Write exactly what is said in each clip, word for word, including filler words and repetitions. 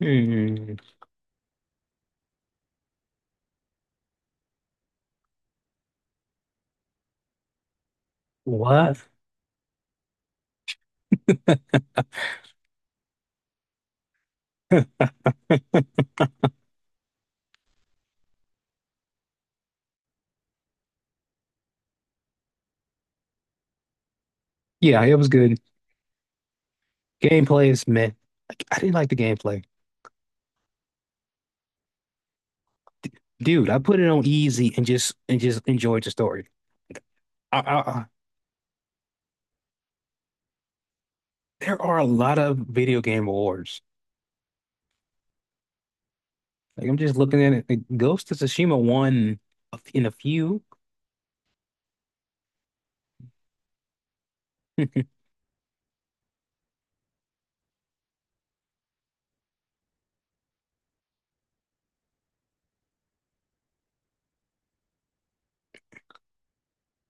Hmm. What? Yeah, it was good. Gameplay is meh. I, I didn't like the gameplay. Dude, I put it on easy and just and just enjoyed the story. I, I, I- there are a lot of video game awards. Like I'm just looking at it. Like, Ghost of Tsushima won a f- in a few.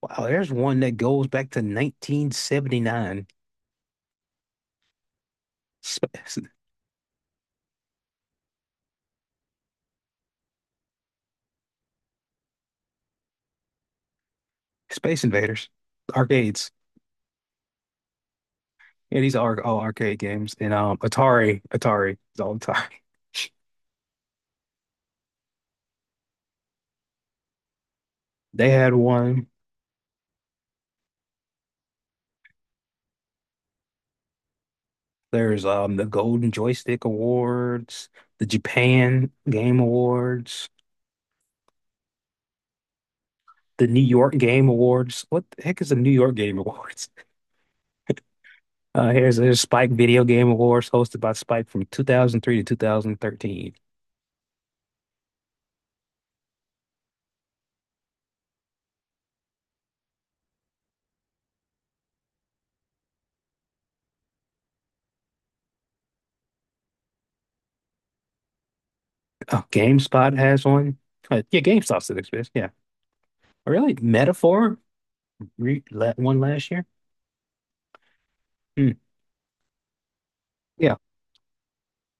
Wow, there's one that goes back to nineteen seventy-nine. Space, Space Invaders, arcades. Yeah, these are all arcade games. And um, Atari, Atari, it's all Atari. They had one. There's um the Golden Joystick Awards, the Japan Game Awards, the New York Game Awards. What the heck is the New York Game Awards? Uh, here's there's Spike Video Game Awards hosted by Spike from two thousand three to two thousand thirteen. Oh, GameSpot has one. Uh, yeah, GameStop still exists. Yeah, really? Metaphor re la one last year. Hmm. Yeah,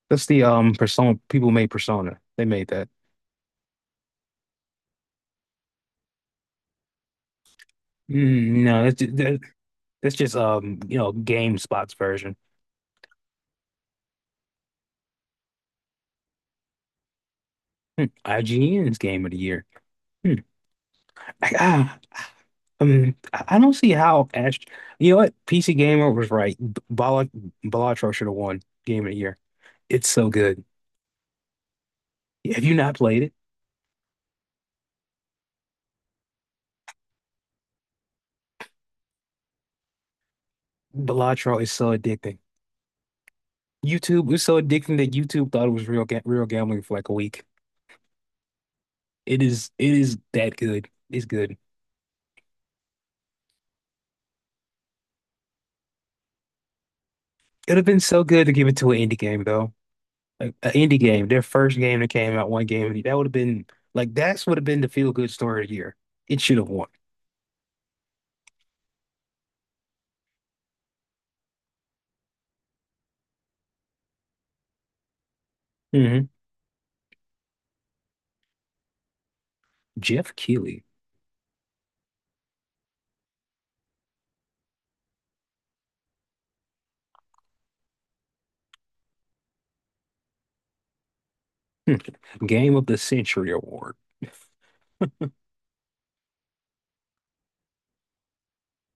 that's the um Persona people made Persona. They made that. Mm, no, that's just, that's just um you know GameSpot's version. Hmm. I G N's game of the year. Hmm. I, ah, um, I I don't see how Ash. You know what? P C Gamer was right. B- Bala Balatro should have won game of the year. It's so good. Have you not played it? Balatro is so addicting. YouTube was so addicting that YouTube thought it was real ga real gambling for like a week. It is. It is that good. It's good. It'd have been so good to give it to an indie game though. Like an indie game, their first game that came out, one game that would have been like that's would have been the feel good story of the year. It should have won. Hmm Jeff Keighley, Game of the Century Award.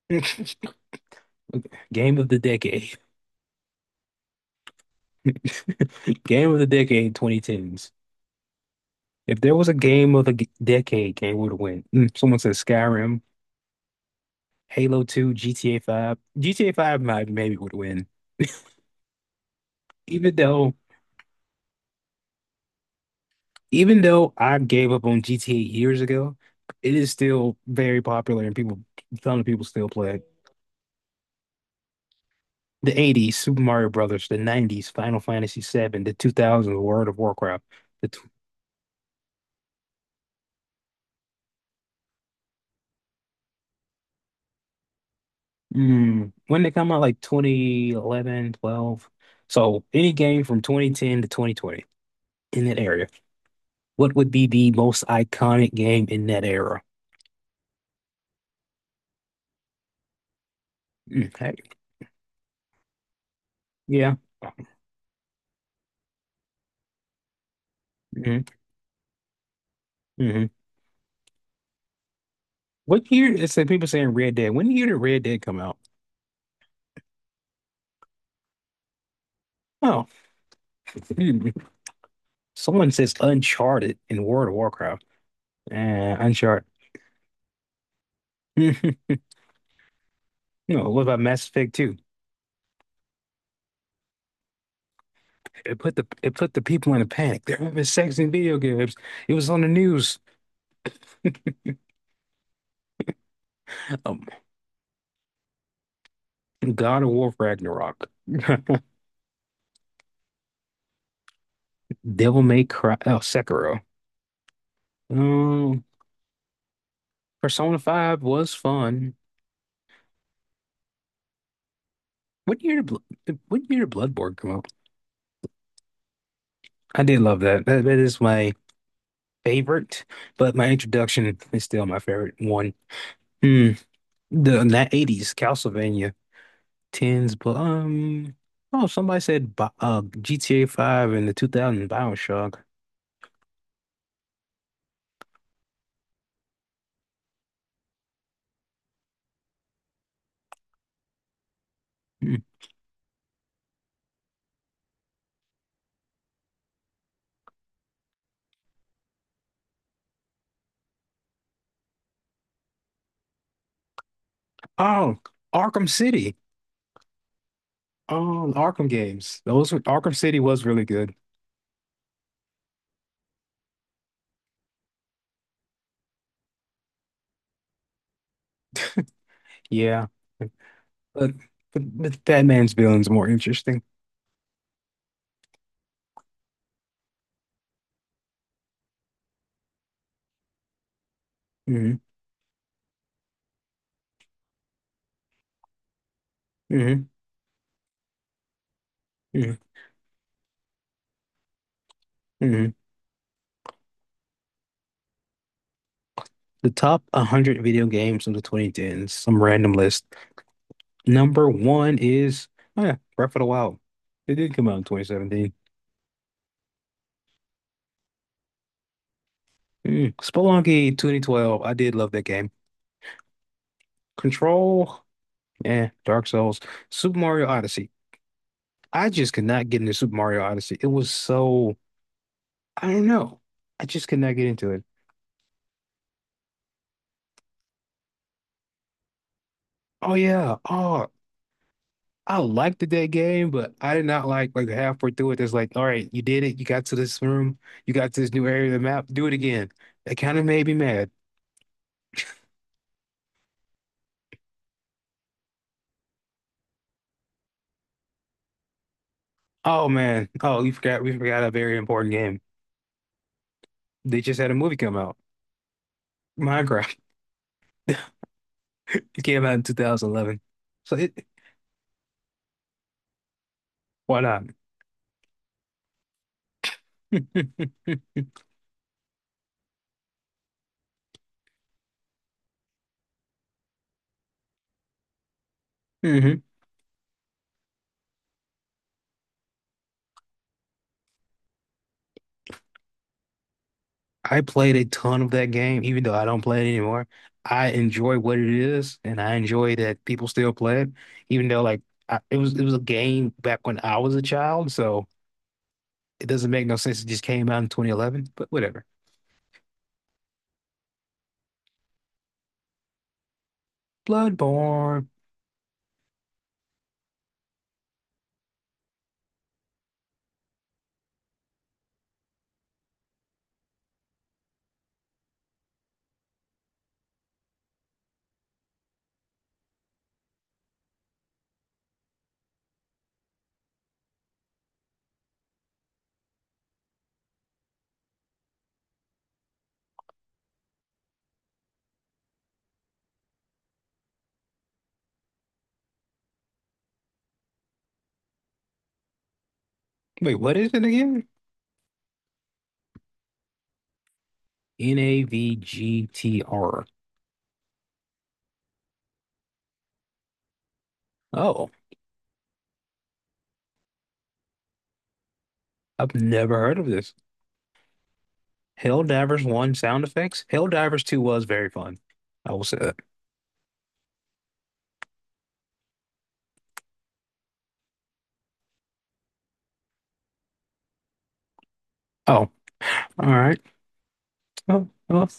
Game of the Decade. Game of the Decade twenty tens. If there was a game of the g- decade, game would have win. Mm, someone said Skyrim, Halo two, G T A five. G T A five might maybe would win. Even though, even though I gave up on G T A years ago, it is still very popular and people, a ton of people still play it. The eighties, Super Mario Brothers, the nineties, Final Fantasy seven, the two thousands, World of Warcraft. The Mm, when they come out like twenty eleven, twelve. So any game from twenty ten to twenty twenty in that area. What would be the most iconic game in that era? Mm, heck, yeah. hmm hmm What year is said people saying Red Dead? When year did Red Dead come out? Oh, hmm. Someone says Uncharted in World of Warcraft. Uh, Uncharted. No, what about Mass Effect two? It put the it put the people in a panic. They're having sex in video games. It was on the news. Oh, God of War Ragnarok. Devil May Cry. Oh, Sekiro. Um, Persona five was fun. What year did Bl- what year did Bloodborne come out? I did love that. That that is my favorite, but my introduction is still my favorite one. Hmm. The in that eighties Castlevania, tens, but um oh somebody said Bi- uh G T A five and the two thousand BioShock. Hmm. Oh, Arkham City. Oh, Arkham games. Those were- Arkham City was really good. Yeah. But but Batman's villain's more interesting. Hmm hmm hmm hmm The top one hundred video games of the twenty tens, some random list. Number one is, oh yeah, Breath of the Wild. It did come out in twenty seventeen. Mm. Spelunky twenty twelve. I did love that game. Control, yeah, Dark Souls. Super Mario Odyssey. I just could not get into Super Mario Odyssey. It was so, I don't know. I just could not get into it. Oh yeah. Oh, I liked the dead game, but I did not like like halfway through it. It's like, all right, you did it. You got to this room. You got to this new area of the map. Do it again. That kind of made me mad. Oh man. Oh, we forgot. We forgot a very important game. They just had a movie come out. Minecraft. It came out in two thousand eleven. So it, why not? hmm I played a ton of that game, even though I don't play it anymore. I enjoy what it is, and I enjoy that people still play it, even though like I, it was it was a game back when I was a child. So. It doesn't make no sense. It just came out in twenty eleven, but whatever. Bloodborne. Wait, what is it again? N A V G T R. Oh, I've never heard of this. Helldivers one sound effects. Helldivers two was very fun. I will say that. Oh, all right. Oh, well,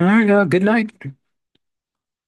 all right. Uh, good night.